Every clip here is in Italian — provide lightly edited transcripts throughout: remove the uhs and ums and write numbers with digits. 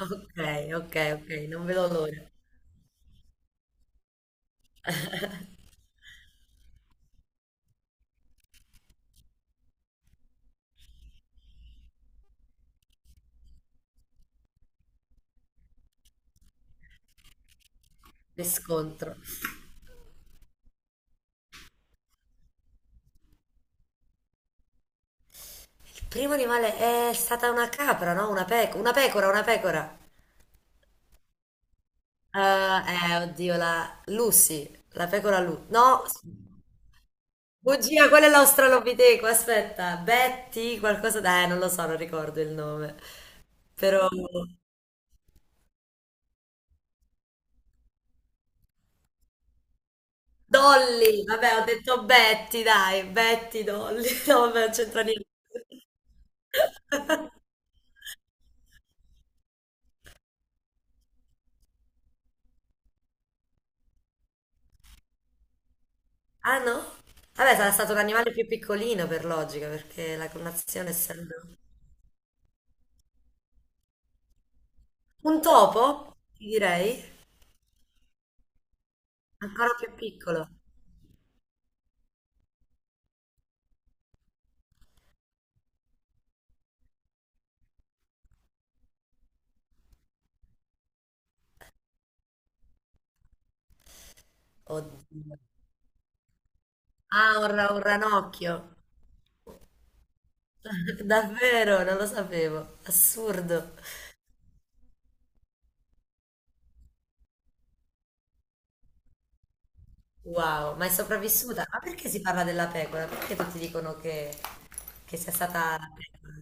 Ok, ok, ok, non vedo l'ora. Mi scontro. Il primo animale è stata una capra, no? Una pecora, una pecora. Oddio, la Lucy, la pecora Lu. No, bugia, quella è l'australopiteco, aspetta. Betty, qualcosa... da... non lo so, non ricordo il nome. Però... Dolly, vabbè, ho detto Betty, dai, Betty, Dolly. No, vabbè, non c'entra niente. Ah no? Vabbè, sarà stato l'animale più piccolino per logica, perché la connazione essendo... Un topo, ti direi, ancora più piccolo. Oddio. Ah, un ranocchio. Davvero, non lo sapevo. Assurdo. Wow, ma è sopravvissuta. Ma perché si parla della pecora? Perché tutti dicono che sia stata la pecora?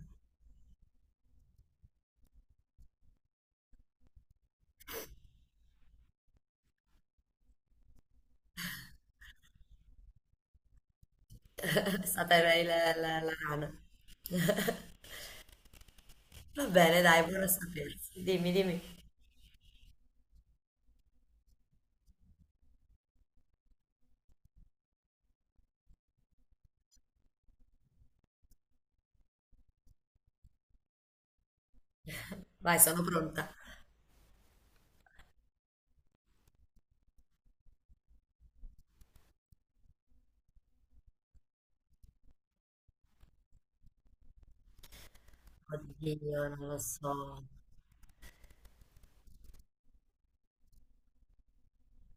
È stata la rana. Va bene, dai, buono a sapersi. Dimmi, dimmi. Vai, sono pronta. Oddio, non lo so.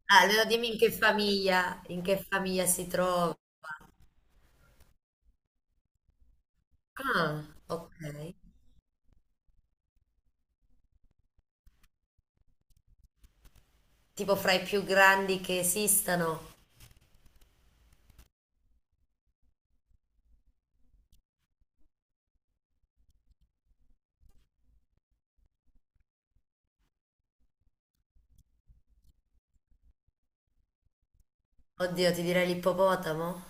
Ah, allora dimmi in che famiglia si trova. Ah, ok. Tipo fra i più grandi che esistano. Oddio, ti direi l'ippopotamo?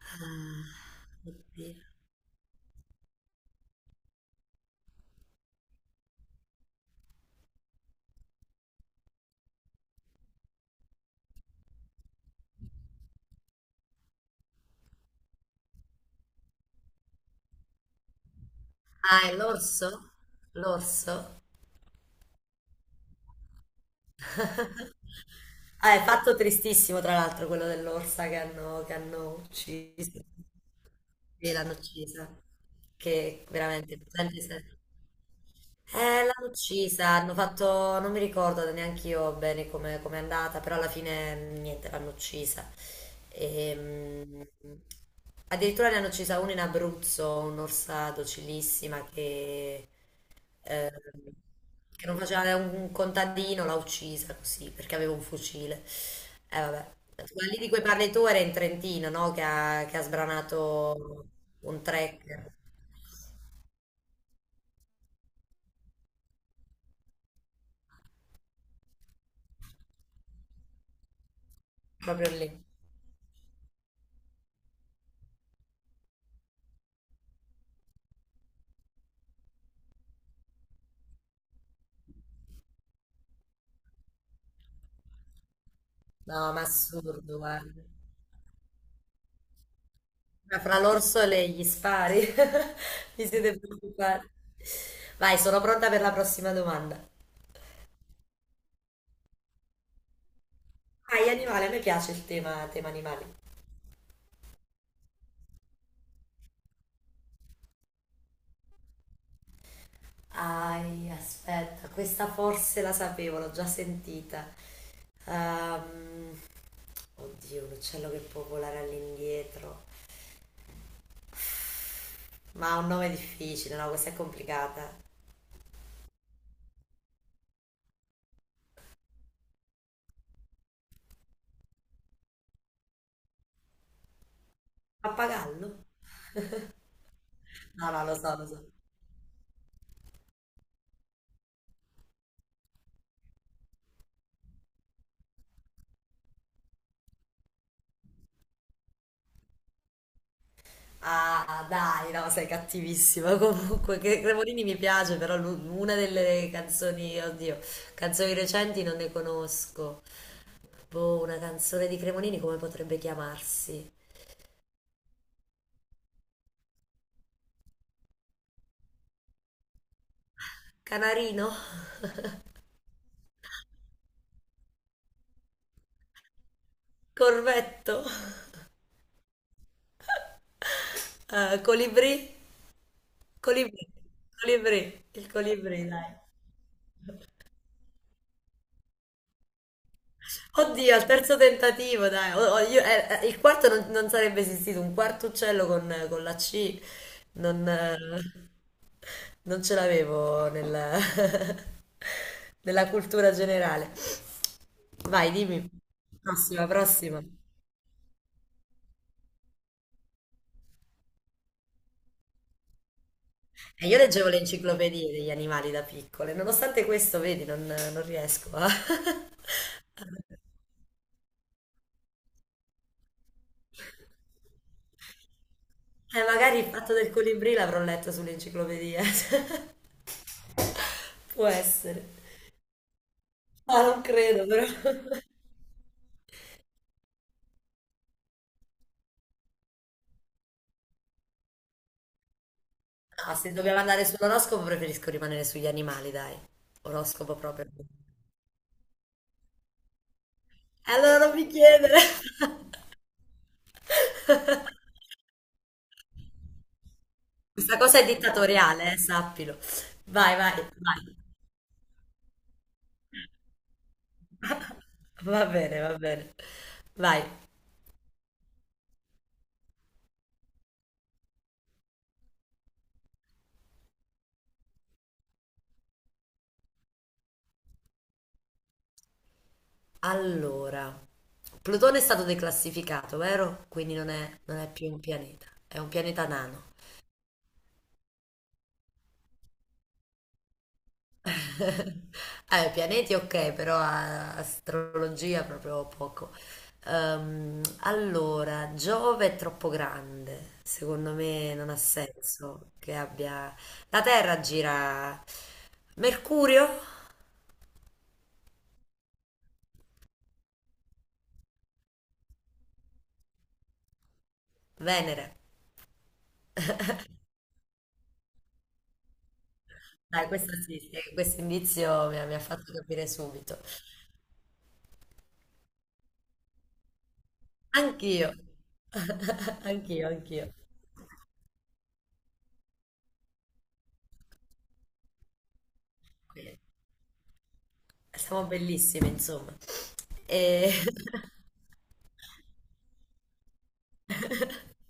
Ah, oddio. Ah, è l'orso? L'orso? Ah, è fatto tristissimo, tra l'altro, quello dell'orsa che che hanno ucciso. Sì, l'hanno uccisa. Che veramente, la gente si è... l'hanno uccisa, hanno fatto, non mi ricordo neanche io bene come è andata, però alla fine niente, l'hanno uccisa. Ehm, addirittura ne hanno uccisa una in Abruzzo, un'orsa docilissima eh, che non faceva un contadino, l'ha uccisa così perché aveva un fucile. Vabbè. Quelli di cui parli tu era in Trentino, no? Che ha sbranato un tracker proprio lì. No, ma assurdo, guarda. Ma fra l'orso e gli spari, mi siete preoccupati. Vai, sono pronta per la prossima domanda. Ai animali, a me piace tema animali. Ai, aspetta, questa forse la sapevo, l'ho già sentita. Ehm, oddio, un uccello che può volare all'indietro. Ma ha un nome difficile, no? Questa è complicata. Pappagallo? No, lo so, lo so. Ah, dai, no, sei cattivissima. Comunque, che Cremonini mi piace, però una delle canzoni, oddio, canzoni recenti non ne conosco. Boh, una canzone di Cremonini come potrebbe chiamarsi? Canarino? Corvetto? Colibrì? Colibrì. Colibrì. Il colibrì, dai. Oddio, al terzo tentativo, dai. Il quarto non sarebbe esistito, un quarto uccello con la C. Non.... Non ce l'avevo nella, nella cultura generale. Vai, dimmi. Prossima, prossima. Io leggevo le enciclopedie degli animali da piccole, nonostante questo, vedi, non riesco a... magari il fatto del colibrì l'avrò letto sull'enciclopedia. Può essere. Ma non credo, però. No, se dobbiamo andare sull'oroscopo preferisco rimanere sugli animali, dai. Oroscopo proprio. E allora non mi chiedere. Questa cosa è dittatoriale, sappilo. Vai, vai, vai. Va bene, va bene. Vai. Allora, Plutone è stato declassificato, vero? Quindi non è più un pianeta, è un pianeta nano. Pianeti ok, però astrologia proprio poco. Allora, Giove è troppo grande, secondo me non ha senso che abbia... La Terra gira... Mercurio? Venere. Dai, questo sì, sì, questo indizio mi ha fatto capire subito. Anch'io, anch'io. Quindi, siamo bellissime, insomma. E...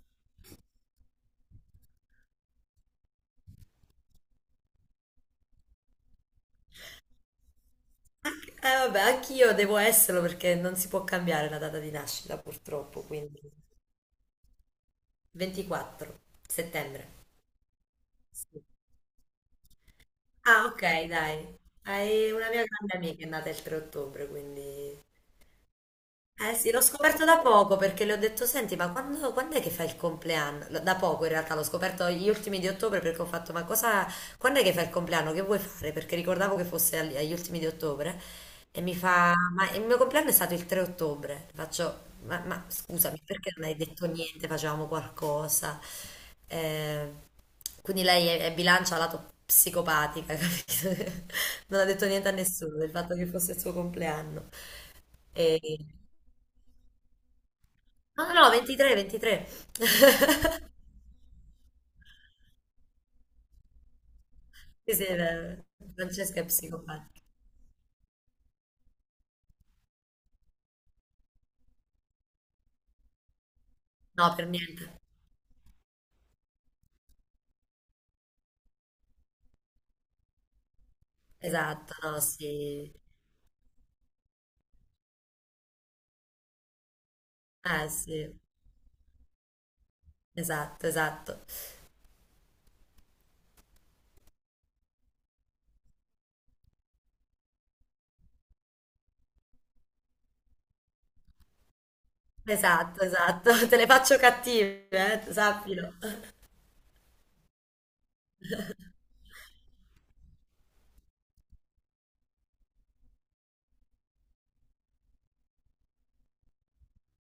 Vabbè, anch'io devo esserlo perché non si può cambiare la data di nascita, purtroppo, quindi 24 settembre. Sì. Ah, ok, dai. Hai una mia grande amica che è nata il 3 ottobre, quindi... Eh sì, l'ho scoperto da poco perché le ho detto, senti, ma quando è che fai il compleanno? Lo... Da poco in realtà l'ho scoperto gli ultimi di ottobre perché ho fatto, ma cosa, quando è che fai il compleanno? Che vuoi fare? Perché ricordavo che fosse agli ultimi di ottobre e mi fa, ma il mio compleanno è stato il 3 ottobre. Faccio, ma scusami, perché non hai detto niente? Facevamo qualcosa. Eh, quindi è bilancia lato psicopatica, capito? Non ha detto niente a nessuno del fatto che fosse il suo compleanno. E... no, 23, 23. Sì, beh, Francesca è psicopatica. No, per niente. Esatto, no, sì. Sì, esatto, esatto. Esatto, esatto. Te le faccio cattive, sappilo.